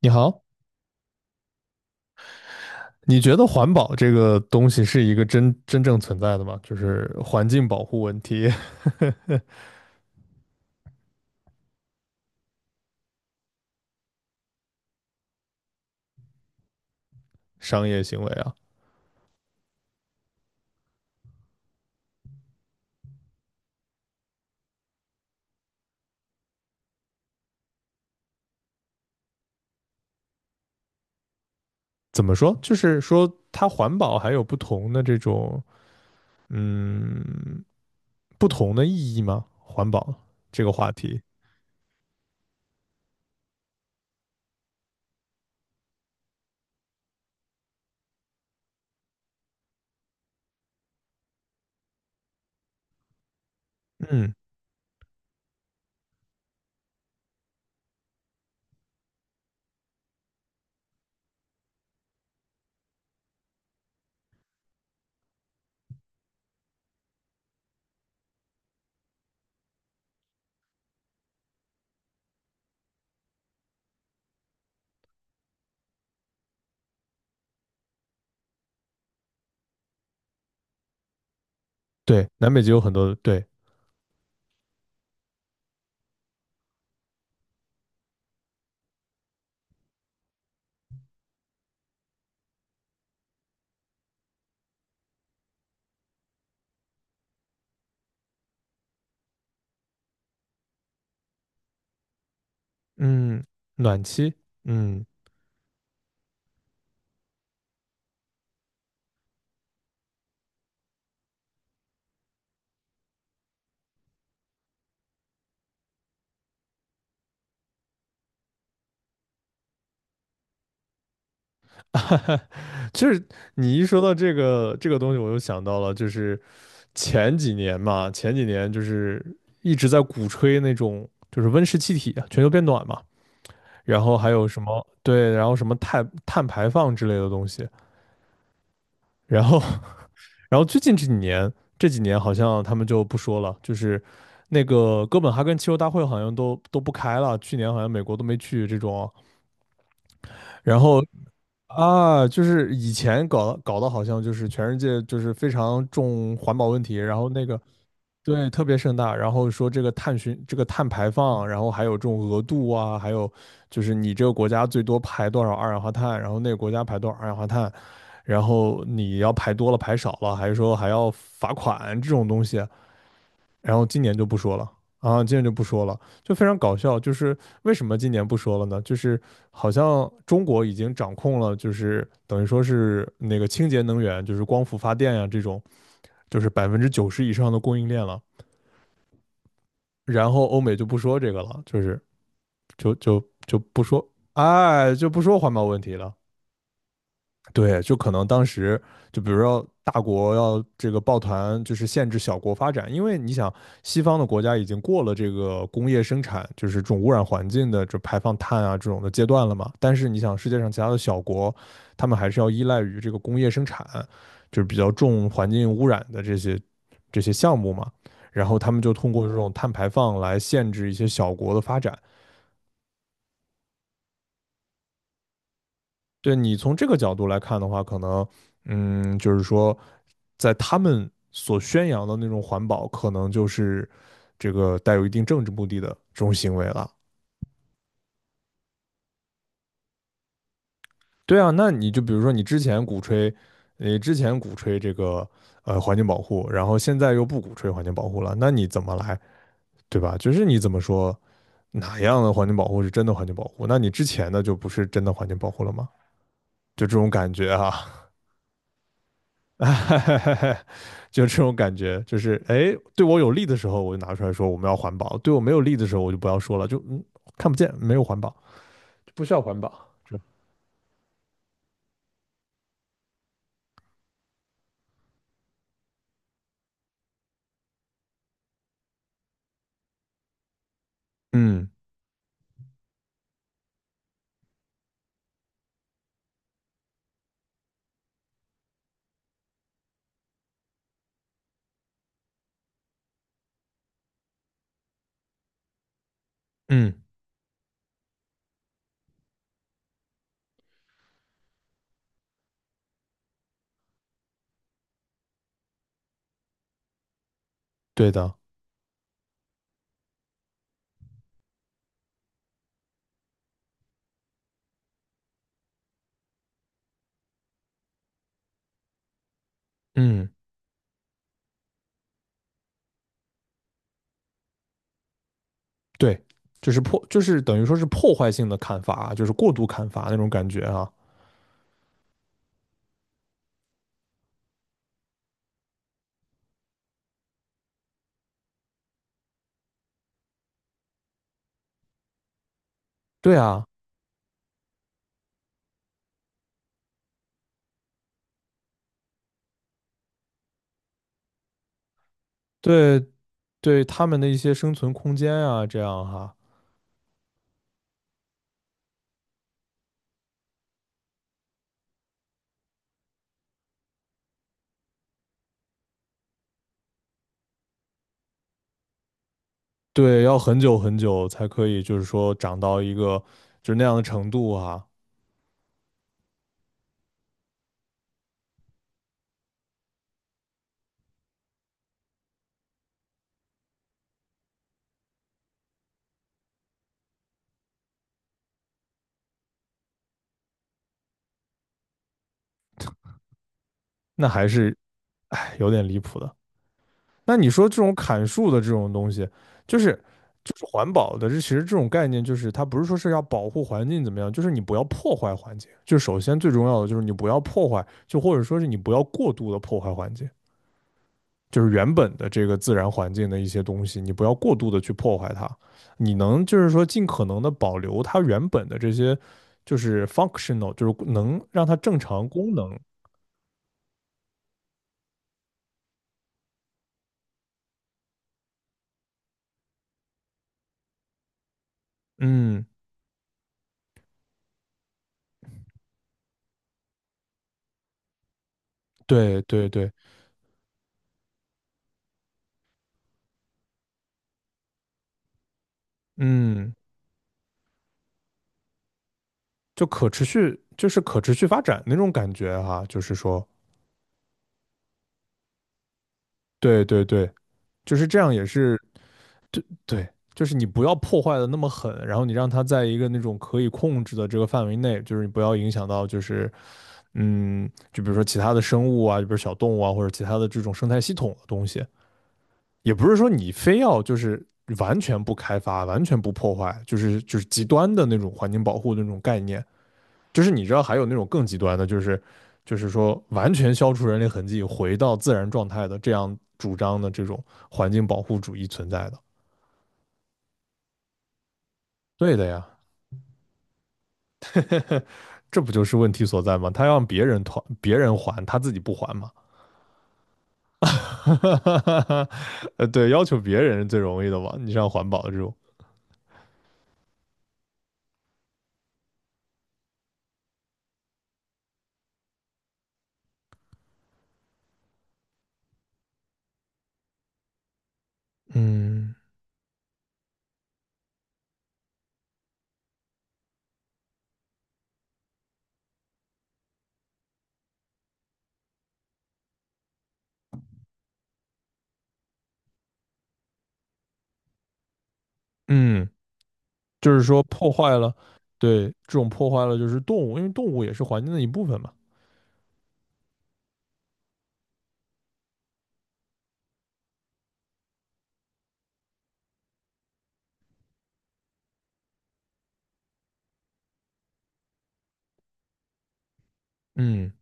你好，你觉得环保这个东西是一个真正存在的吗？就是环境保护问题、商业行为啊？怎么说？就是说它环保还有不同的这种，嗯，不同的意义吗？环保这个话题，嗯，对，南北极有很多对，嗯，暖气，嗯，就是你一说到这个东西，我又想到了，就是前几年就是一直在鼓吹那种就是温室气体啊，全球变暖嘛，然后还有什么对，然后什么碳排放之类的东西，然后然后最近这几年好像他们就不说了，就是那个哥本哈根气候大会好像都不开了，去年好像美国都没去这种啊，然后啊，就是以前搞的好像就是全世界就是非常重环保问题，然后那个对，特别盛大。然后说这个碳循、这个碳排放，然后还有这种额度啊，还有就是你这个国家最多排多少二氧化碳，然后那个国家排多少二氧化碳，然后你要排多了排少了，还是说还要罚款这种东西。然后今年就不说了啊，今年就不说了，就非常搞笑。就是为什么今年不说了呢？就是好像中国已经掌控了，就是等于说是那个清洁能源，就是光伏发电呀、这种，就是百分之九十以上的供应链了。然后欧美就不说这个了，就是就不说，哎，就不说环保问题了。对，就可能当时就比如说大国要这个抱团，就是限制小国发展，因为你想西方的国家已经过了这个工业生产，就是这种污染环境的这排放碳啊这种的阶段了嘛。但是你想世界上其他的小国，他们还是要依赖于这个工业生产，就是比较重环境污染的这些项目嘛。然后他们就通过这种碳排放来限制一些小国的发展，对你从这个角度来看的话，可能，嗯，就是说，在他们所宣扬的那种环保，可能就是这个带有一定政治目的的这种行为了。对啊，那你就比如说你之前鼓吹这个环境保护，然后现在又不鼓吹环境保护了，那你怎么来，对吧？就是你怎么说哪样的环境保护是真的环境保护？那你之前的就不是真的环境保护了吗？就这种感觉啊。就这种感觉，就是哎，对我有利的时候我就拿出来说我们要环保，对我没有利的时候我就不要说了，就看不见，没有环保，不需要环保。是嗯嗯，对的，嗯对，就是破，就是等于说是破坏性的砍伐，就是过度砍伐那种感觉啊。对啊，对对，他们的一些生存空间啊，这样哈、对，要很久很久才可以，就是说长到一个就是那样的程度哈、那还是哎有点离谱的。那你说这种砍树的这种东西，就是就是环保的，这其实这种概念就是它不是说是要保护环境怎么样，就是你不要破坏环境，就首先最重要的就是你不要破坏，就或者说是你不要过度的破坏环境，就是原本的这个自然环境的一些东西，你不要过度的去破坏它，你能就是说尽可能的保留它原本的这些就是 functional，就是能让它正常功能。嗯，对对对，嗯。就可持续，就是可持续发展那种感觉哈、就是说，对对对，就是这样也是对对，就是你不要破坏的那么狠，然后你让它在一个那种可以控制的这个范围内，就是你不要影响到就是嗯，就比如说其他的生物啊，就比如小动物啊，或者其他的这种生态系统的东西，也不是说你非要就是完全不开发、完全不破坏，就是极端的那种环境保护的那种概念，就是你知道还有那种更极端的，就是就是说完全消除人类痕迹，回到自然状态的这样主张的这种环境保护主义存在的。对的呀，这不就是问题所在吗？他让别人团别人还，他自己不还嘛？对，要求别人是最容易的嘛。你像环保的这种，嗯嗯，就是说破坏了，对，这种破坏了就是动物，因为动物也是环境的一部分嘛。嗯，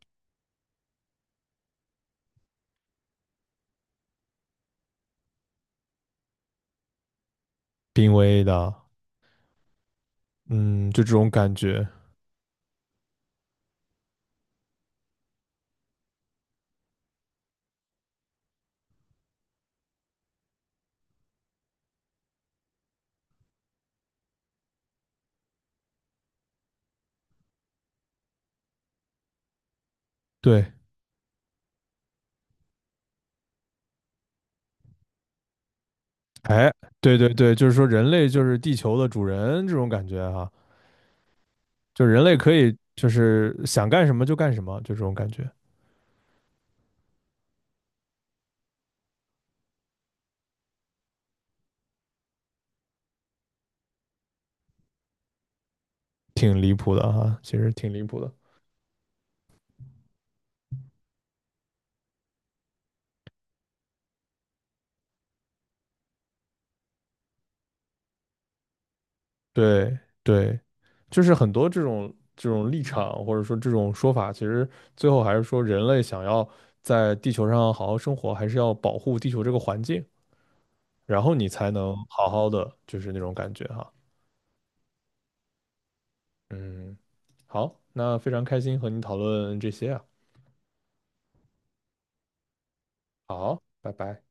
濒危的，嗯，就这种感觉，对。哎，对对对，就是说人类就是地球的主人这种感觉哈、就人类可以就是想干什么就干什么，就这种感觉，挺离谱的哈、其实挺离谱的。对对，就是很多这种立场或者说这种说法，其实最后还是说人类想要在地球上好好生活，还是要保护地球这个环境，然后你才能好好的，就是那种感觉哈、嗯，好，那非常开心和你讨论这些啊，好，拜拜。